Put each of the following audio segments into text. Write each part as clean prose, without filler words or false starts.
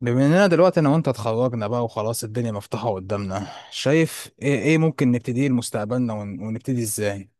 بما اننا دلوقتي انا وانت اتخرجنا بقى وخلاص، الدنيا مفتوحة قدامنا. شايف ايه، ايه ممكن نبتديه لمستقبلنا ونبتدي ازاي؟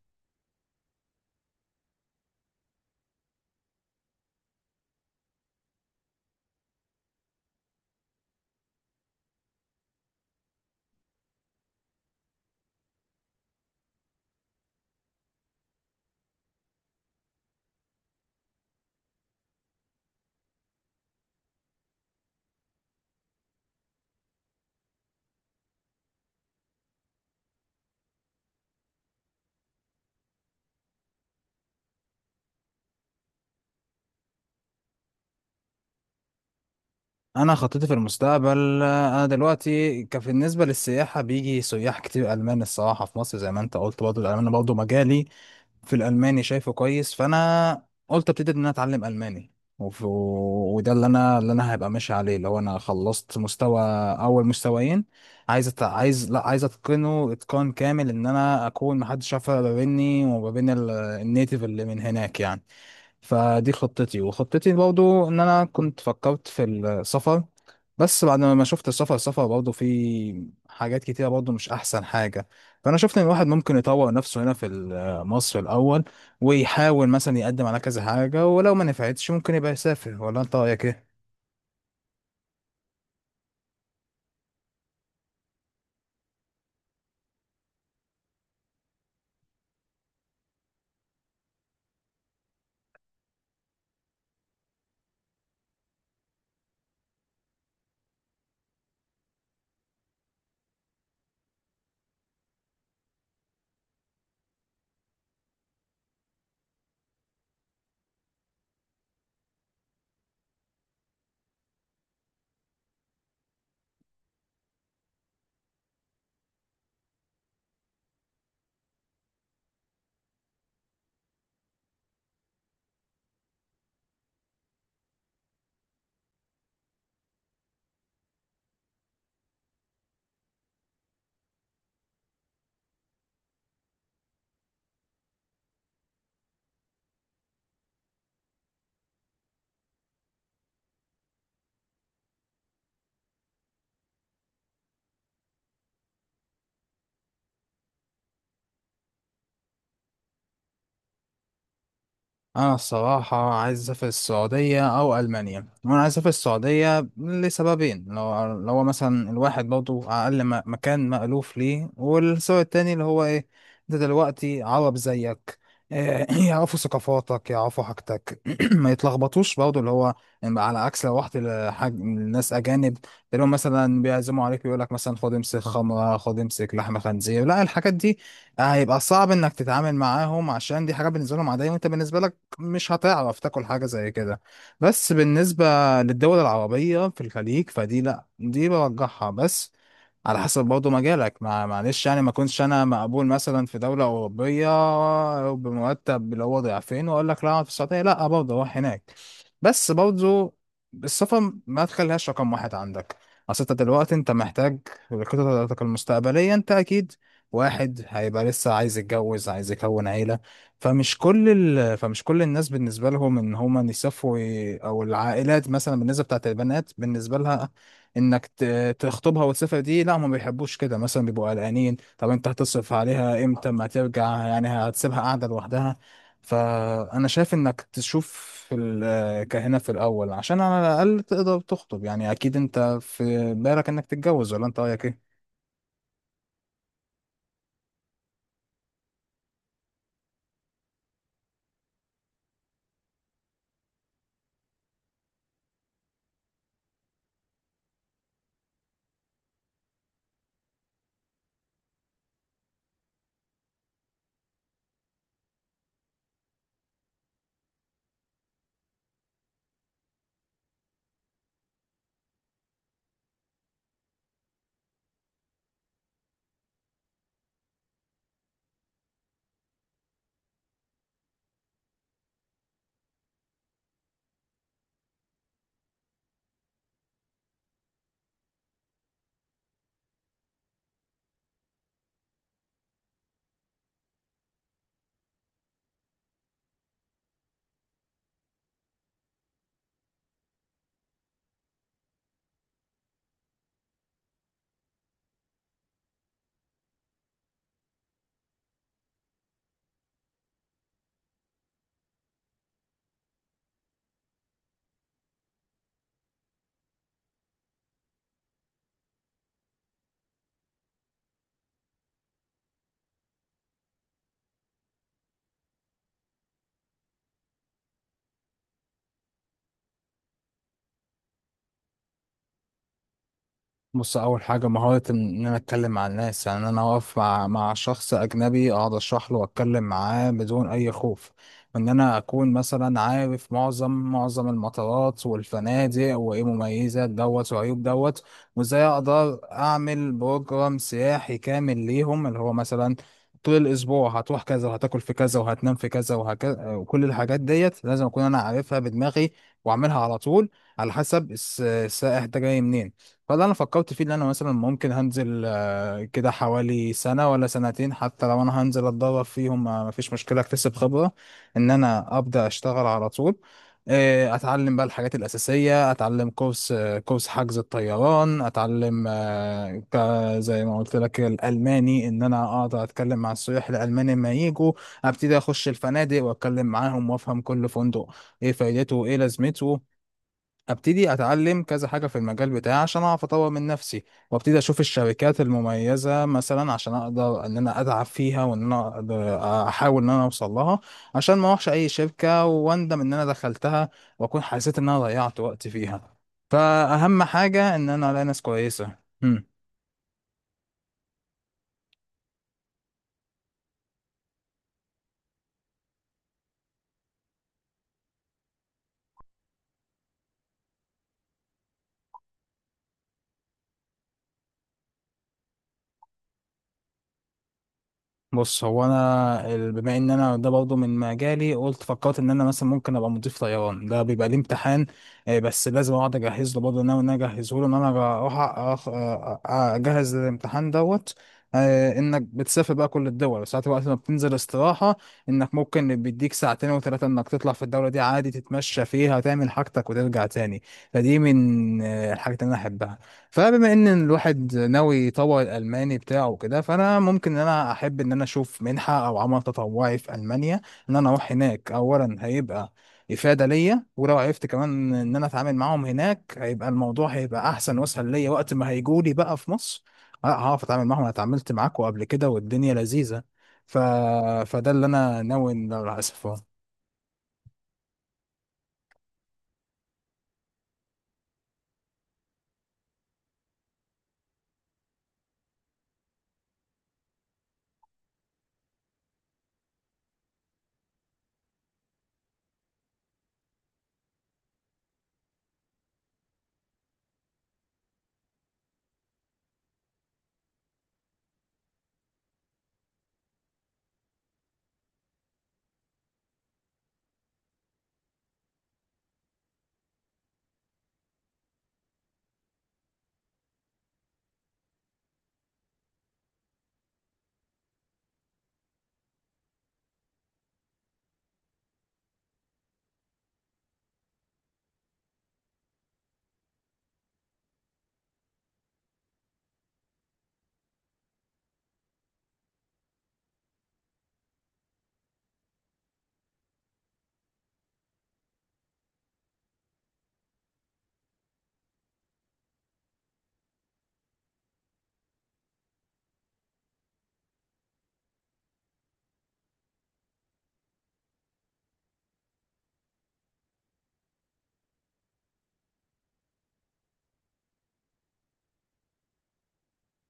انا خطتي في المستقبل. انا دلوقتي كان بالنسبة للسياحة بيجي سياح كتير المان. الصراحة في مصر زي ما انت قلت برضه الالمان برضه مجالي. في الالماني شايفه كويس، فانا قلت ابتدي ان انا اتعلم الماني. وده اللي انا هبقى ماشي عليه. لو انا خلصت مستوى اول مستويين، عايز أت... عايز لا عايز اتقنه اتقان كامل، ان انا اكون محدش يعرف ما بيني وما بين النيتيف اللي من هناك يعني. فدي خطتي، وخطتي برضو ان انا كنت فكرت في السفر. بس بعد ما شفت السفر، برضو في حاجات كتيرة برضو مش احسن حاجة. فانا شفت ان الواحد ممكن يطور نفسه هنا في مصر الاول، ويحاول مثلا يقدم على كذا حاجة، ولو ما نفعتش ممكن يبقى يسافر. ولا انت رايك ايه؟ انا الصراحه عايز اسافر السعوديه او المانيا. وانا عايز اسافر السعوديه لسببين: لو هو مثلا الواحد برضه اقل مكان مألوف ليه، والسبب التاني اللي هو ايه؟ انت دلوقتي عرب زيك. إيه، يعرفوا ثقافاتك، يعرفوا حاجتك. ما يتلخبطوش برضه اللي هو، يعني على عكس لو رحت لحاج ناس اجانب، تلاقيهم مثلا بيعزموا عليك، بيقول لك مثلا خد امسك خمره، خد امسك لحمه خنزير. لا، الحاجات دي هيبقى صعب انك تتعامل معاهم، عشان دي حاجه بالنسبه لهم عاديه وانت بالنسبه لك مش هتعرف تاكل حاجة زي كده. بس بالنسبة للدول العربية في الخليج فدي لا، دي برجحها. بس على حسب برضه مجالك، ما معلش يعني، ما كنتش انا مقبول مثلا في دولة أوروبية بمرتب اللي هو ضعفين، واقول لك لا أقعد في السعودية. لا، برضه اروح هناك. بس برضه السفر ما تخليهاش رقم واحد عندك. اصل انت دلوقتي انت محتاج خططك المستقبلية. انت اكيد واحد هيبقى لسه عايز يتجوز، عايز يكون عيلة. فمش كل فمش كل الناس بالنسبة لهم ان هما يسافروا، او العائلات مثلا بالنسبة بتاعت البنات، بالنسبة لها انك تخطبها وتسافر، دي لا ما بيحبوش كده مثلا، بيبقوا قلقانين. طب انت هتصرف عليها امتى؟ ما ترجع يعني هتسيبها قاعدة لوحدها. فانا شايف انك تشوف في كهنة في الاول عشان على الاقل تقدر تخطب. يعني اكيد انت في بالك انك تتجوز، ولا انت رايك ايه؟ بص، اول حاجه مهاره ان انا اتكلم مع الناس، يعني إن انا اقف مع شخص اجنبي، اقعد اشرح له واتكلم معاه بدون اي خوف. وان انا اكون مثلا عارف معظم المطارات والفنادق، وايه مميزات دوت وعيوب دوت، وازاي اقدر اعمل بروجرام سياحي كامل ليهم، اللي هو مثلا طول الاسبوع هتروح كذا وهتاكل في كذا وهتنام في كذا وهكذا. وكل الحاجات ديت لازم اكون انا عارفها بدماغي، واعملها على طول على حسب السائح ده جاي منين. فاللي انا فكرت فيه ان انا مثلا ممكن هنزل كده حوالي سنه ولا سنتين، حتى لو انا هنزل اتدرب فيهم ما فيش مشكله، اكتسب خبره، ان انا ابدا اشتغل على طول. اتعلم بقى الحاجات الاساسيه، اتعلم كورس، كورس حجز الطيران، اتعلم زي ما قلت لك الالماني، ان انا اقدر اتكلم مع السياح الالمان لما يجوا. ابتدي اخش الفنادق واتكلم معاهم وافهم كل فندق ايه فايدته وايه لازمته. ابتدي اتعلم كذا حاجه في المجال بتاعي عشان اعرف اطور من نفسي، وابتدي اشوف الشركات المميزه مثلا عشان اقدر ان انا اتعب فيها، احاول ان انا اوصل لها، عشان ما اروحش اي شركه واندم ان انا دخلتها واكون حسيت ان انا ضيعت وقت فيها. فاهم حاجه ان انا الاقي ناس كويسه. بص، هو انا بما ان انا ده برضه من مجالي، قلت فكرت ان انا مثلا ممكن ابقى مضيف طيران. ده بيبقى ليه امتحان بس لازم اقعد اجهز له. برضه ناوي ان انا اجهزه له، ان انا اروح أخ- اجهز الامتحان دوت. انك بتسافر بقى كل الدول، ساعات وقت ما بتنزل استراحة، انك ممكن بيديك ساعتين وثلاثة انك تطلع في الدولة دي عادي، تتمشى فيها تعمل حاجتك وترجع تاني. فدي من الحاجات اللي انا احبها. فبما ان الواحد ناوي يطور الالماني بتاعه وكده، فانا ممكن ان انا احب ان انا اشوف منحه او عمل تطوعي في المانيا، ان انا اروح هناك. اولا هيبقى افاده ليا، ولو عرفت كمان ان انا اتعامل معاهم هناك هيبقى الموضوع هيبقى احسن واسهل ليا وقت ما هيجولي بقى في مصر. لا، هعرف اتعامل معاهم، انا اتعاملت معاكم قبل كده والدنيا لذيذه. ف... فده اللي انا ناوي ان انا اسافر.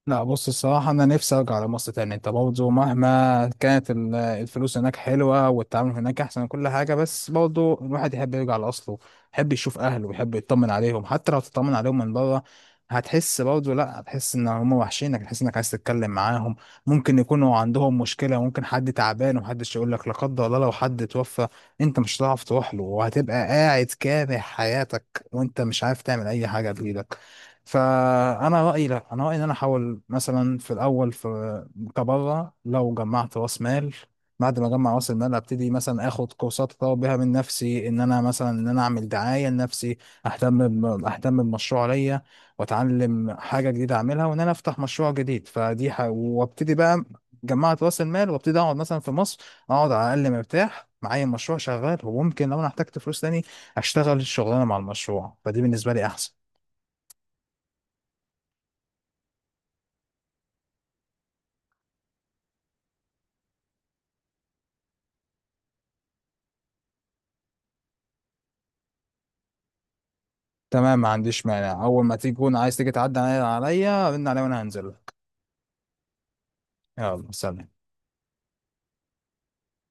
لا، بص الصراحة أنا نفسي أرجع لمصر تاني. أنت برضه مهما كانت الفلوس هناك حلوة والتعامل هناك أحسن وكل حاجة، بس برضه الواحد يحب يرجع لأصله، يحب يشوف أهله ويحب يطمن عليهم. حتى لو تطمن عليهم من بره هتحس برضه، لأ هتحس إن هم وحشينك، هتحس إنك عايز تتكلم معاهم. ممكن يكونوا عندهم مشكلة، ممكن حد تعبان ومحدش يقول لك. لا قدر الله لو حد توفى أنت مش هتعرف تروح له، وهتبقى قاعد كاره حياتك وأنت مش عارف تعمل أي حاجة بإيدك. فانا رايي، لا انا رايي ان انا احاول مثلا في الاول في كبره لو جمعت راس مال، بعد ما اجمع راس المال ابتدي مثلا اخد كورسات اطور بيها من نفسي، ان انا مثلا ان انا اعمل دعايه لنفسي، اهتم اهتم بمشروع ليا، واتعلم حاجه جديده اعملها، وان انا افتح مشروع جديد. وابتدي بقى جمعت راس المال وابتدي اقعد مثلا في مصر، اقعد على الاقل مرتاح معايا مشروع شغال. وممكن لو انا احتجت فلوس تاني اشتغل الشغلانه مع المشروع. فدي بالنسبه لي احسن. تمام، ما عنديش مانع. اول ما تيجي تكون عايز تيجي تعدي عليا، رن عليا وانا هنزل لك. يلا، سلام.